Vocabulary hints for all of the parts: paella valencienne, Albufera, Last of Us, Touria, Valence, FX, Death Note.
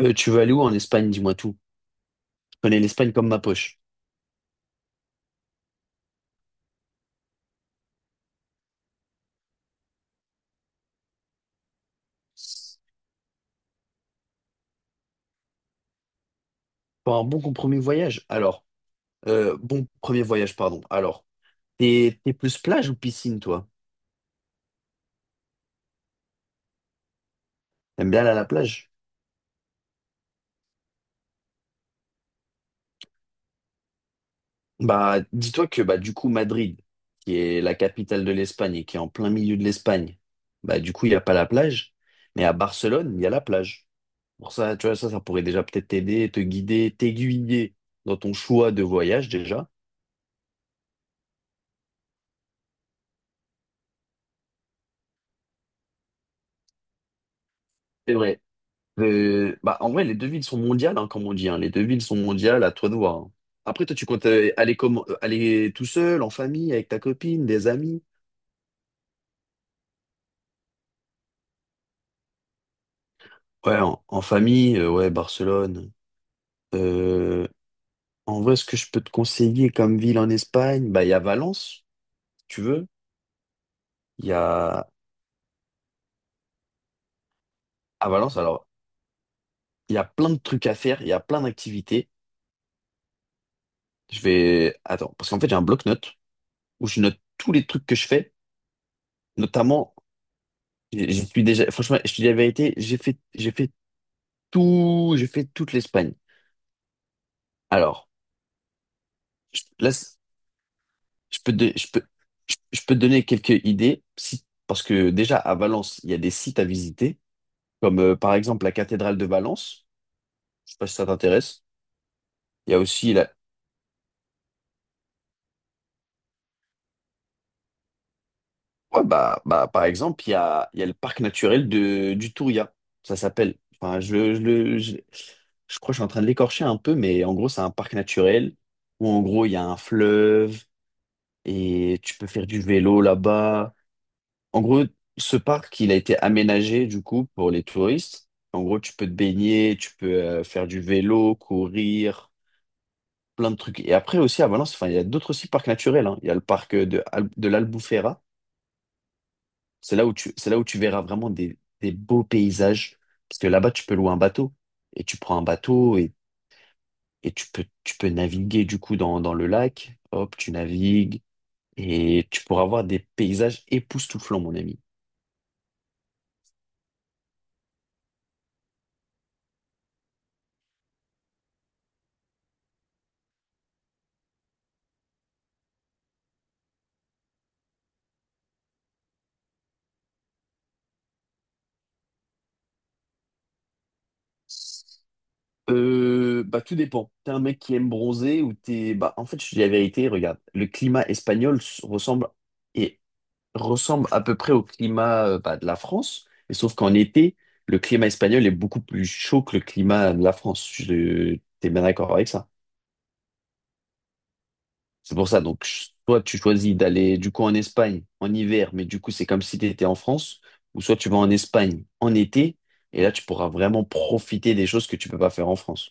Tu veux aller où en Espagne? Dis-moi tout. Je connais l'Espagne comme ma poche. Pour un bon premier voyage. Alors, bon premier voyage, pardon. Alors, t'es plus plage ou piscine, toi? T'aimes bien aller à la plage? Bah, dis-toi que bah du coup Madrid, qui est la capitale de l'Espagne et qui est en plein milieu de l'Espagne, bah du coup il n'y a pas la plage, mais à Barcelone il y a la plage. Pour ça, tu vois ça, ça pourrait déjà peut-être t'aider, te guider, t'aiguiller dans ton choix de voyage déjà. C'est vrai. Bah, en vrai, les deux villes sont mondiales, hein, comme on dit, hein. Les deux villes sont mondiales, à toi de voir, hein. Après, toi, tu comptes aller, aller tout seul, en famille, avec ta copine, des amis? Ouais, en, en famille, ouais, Barcelone. Euh, En vrai, ce que je peux te conseiller comme ville en Espagne, bah, il y a Valence, si tu veux. Il y a, à Valence, alors, il y a plein de trucs à faire, il y a plein d'activités. Je vais, attends, parce qu'en fait, j'ai un bloc-notes où je note tous les trucs que je fais, notamment, j'y suis déjà, franchement, je te dis la vérité, j'ai fait tout, j'ai fait toute l'Espagne. Alors, là, je peux te, je peux te donner quelques idées, si, parce que déjà à Valence, il y a des sites à visiter, comme par exemple la cathédrale de Valence. Je sais pas si ça t'intéresse. Il y a aussi la, ouais, bah, par exemple, il y a le parc naturel de, du Touria. Ça s'appelle. Enfin, je crois que je suis en train de l'écorcher un peu, mais en gros, c'est un parc naturel où en gros, il y a un fleuve et tu peux faire du vélo là-bas. En gros, ce parc, il a été aménagé du coup pour les touristes. En gros, tu peux te baigner, tu peux faire du vélo, courir, plein de trucs. Et après aussi à Valence, enfin, il y a d'autres aussi parcs naturels, hein. Il y a le parc de l'Albufera. C'est là où tu, c'est là où tu verras vraiment des beaux paysages. Parce que là-bas, tu peux louer un bateau. Et tu prends un bateau et tu peux naviguer du coup dans, dans le lac. Hop, tu navigues. Et tu pourras voir des paysages époustouflants, mon ami. Bah tout dépend. T'es un mec qui aime bronzer ou t'es... Bah en fait, je te dis la vérité, regarde, le climat espagnol ressemble et ressemble à peu près au climat bah, de la France, mais sauf qu'en été, le climat espagnol est beaucoup plus chaud que le climat de la France. T'es bien d'accord avec ça? C'est pour ça, donc soit tu choisis d'aller du coup en Espagne en hiver, mais du coup c'est comme si t'étais en France, ou soit tu vas en Espagne en été, et là tu pourras vraiment profiter des choses que tu peux pas faire en France.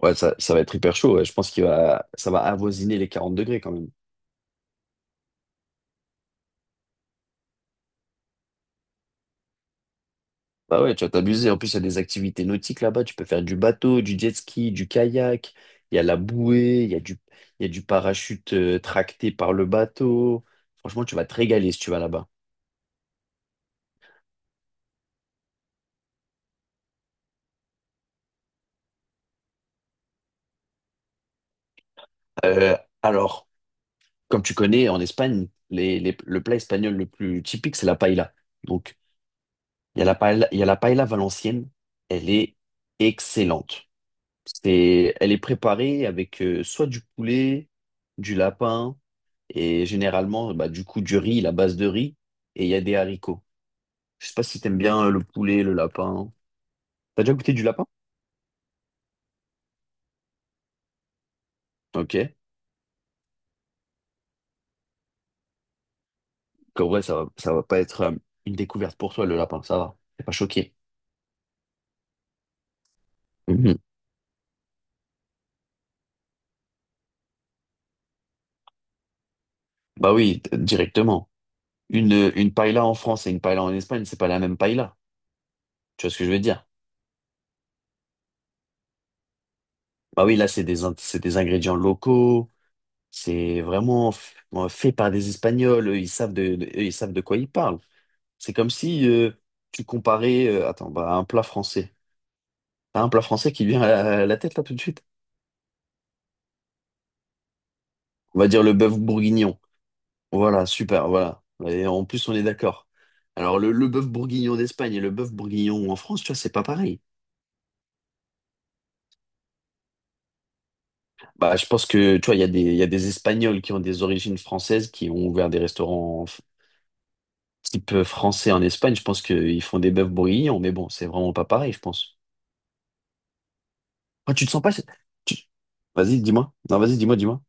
Ouais, ça va être hyper chaud, ouais. Je pense qu'il va, ça va avoisiner les 40 degrés quand même. Bah ouais, tu vas t'abuser. En plus, il y a des activités nautiques là-bas. Tu peux faire du bateau, du jet ski, du kayak. Il y a la bouée, il y a du, il y a du parachute tracté par le bateau. Franchement, tu vas te régaler si tu vas là-bas. Euh, alors, Comme tu connais, en Espagne, le plat espagnol le plus typique, c'est la paella. Donc, il y a la paella, il y a la paella valencienne. Elle est excellente. C'est, elle est préparée avec soit du poulet, du lapin et généralement bah, du coup du riz, la base de riz et il y a des haricots. Je sais pas si t'aimes bien le poulet, le lapin. T'as déjà goûté du lapin? Ok. Donc, en vrai, ça va pas être une découverte pour toi le lapin, ça va. T'es pas choqué. Mhm. Bah oui, directement. Une paella en France et une paella en Espagne, c'est pas la même paella. Tu vois ce que je veux dire? Bah oui, là, c'est des ingrédients locaux. C'est vraiment bon, fait par des Espagnols, eux, ils savent eux, ils savent de quoi ils parlent. C'est comme si tu comparais attends, bah, un plat français. T'as un plat français qui vient à la tête là tout de suite. On va dire le bœuf bourguignon. Voilà, super, voilà. Et en plus, on est d'accord. Alors, le bœuf bourguignon d'Espagne et le bœuf bourguignon en France, tu vois, c'est pas pareil. Bah, je pense que, tu vois, il y a des Espagnols qui ont des origines françaises, qui ont ouvert des restaurants type français en Espagne. Je pense qu'ils font des bœufs bourguignons, mais bon, c'est vraiment pas pareil, je pense. Quand tu te sens pas. tu- Vas-y, dis-moi. Non, vas-y, dis-moi.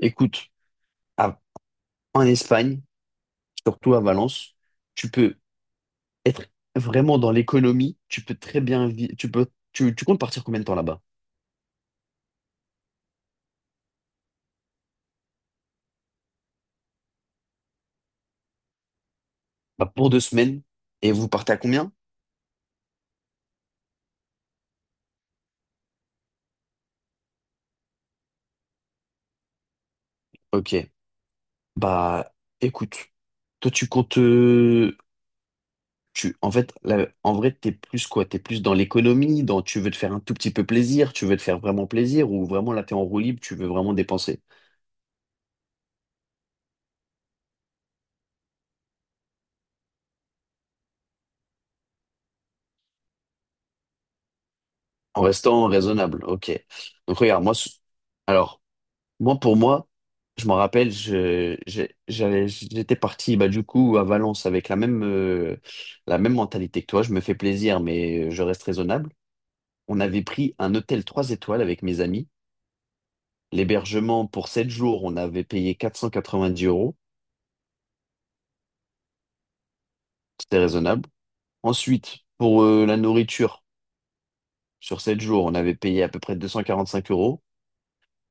Écoute, à- en Espagne, surtout à Valence, tu peux être vraiment dans l'économie. Tu peux très bien vivre. Tu peux. Tu comptes partir combien de temps là-bas? Bah, pour 2 semaines. Et vous partez à combien? Ok, bah écoute, toi tu comptes, tu, en fait, là, en vrai t'es plus quoi? T'es plus dans l'économie, dans tu veux te faire un tout petit peu plaisir, tu veux te faire vraiment plaisir, ou vraiment là t'es en roue libre, tu veux vraiment dépenser, en restant raisonnable. Ok. Donc regarde, moi, s- alors moi pour moi, je m'en rappelle, j'allais, j'étais parti bah du coup à Valence avec la même mentalité que toi. Je me fais plaisir, mais je reste raisonnable. On avait pris un hôtel 3 étoiles avec mes amis. L'hébergement pour 7 jours, on avait payé 490 euros. C'était raisonnable. Ensuite, pour la nourriture, sur 7 jours, on avait payé à peu près 245 euros.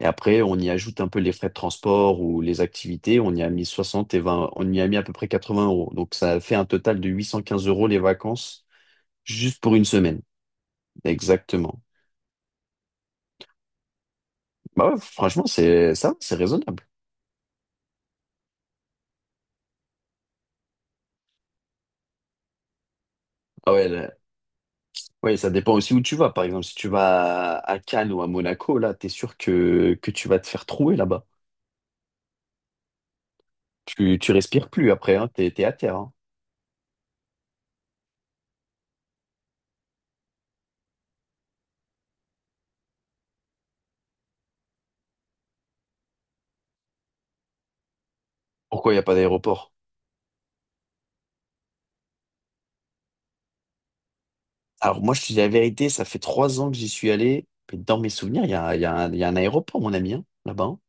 Et après, on y ajoute un peu les frais de transport ou les activités. On y a mis 60 et 20, on y a mis à peu près 80 euros. Donc, ça a fait un total de 815 euros les vacances juste pour une semaine. Exactement. Bah ouais, franchement, c'est ça, c'est raisonnable. Ah ouais, Oui, ça dépend aussi où tu vas. Par exemple, si tu vas à Cannes ou à Monaco, là, t'es sûr que tu vas te faire trouer là-bas. Tu respires plus après, hein, t'es, t'es à terre, hein. Pourquoi il n'y a pas d'aéroport? Alors moi, je te dis la vérité, ça fait 3 ans que j'y suis allé. Mais dans mes souvenirs, il y a un aéroport, mon ami, hein, là-bas, hein.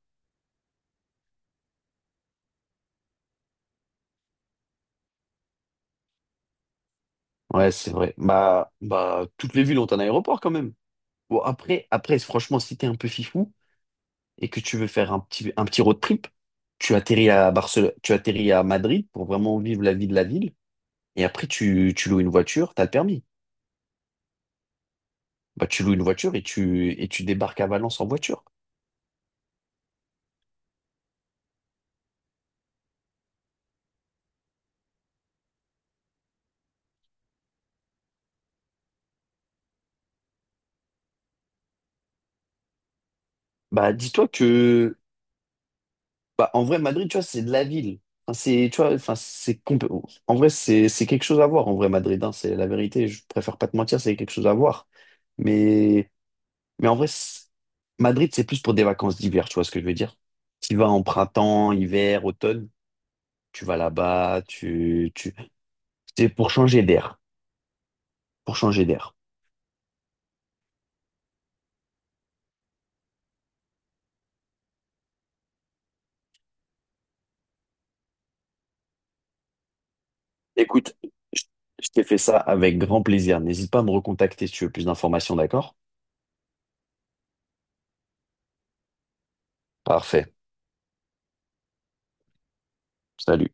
Ouais, c'est vrai. Bah, toutes les villes ont un aéroport quand même. Bon, après, franchement, si t'es un peu fifou et que tu veux faire un petit road trip, tu atterris à Barcelone, tu atterris à Madrid pour vraiment vivre la vie de la ville. Et après, tu loues une voiture, t'as le permis. Bah, tu loues une voiture et tu débarques à Valence en voiture. Bah, dis-toi que, bah, en vrai, Madrid, tu vois, c'est de la ville. Enfin, c'est, tu vois, enfin, c'est compl- En vrai, c'est quelque chose à voir, en vrai, Madrid, hein. C'est la vérité. Je préfère pas te mentir, c'est quelque chose à voir. Mais Mais en vrai, c- Madrid, c'est plus pour des vacances d'hiver, tu vois ce que je veux dire? Tu vas en printemps, hiver, automne, tu vas là-bas, tu... C'est pour changer d'air, pour changer d'air. Écoute, je je t'ai fait ça avec grand plaisir. N'hésite pas à me recontacter si tu veux plus d'informations, d'accord? Parfait. Salut.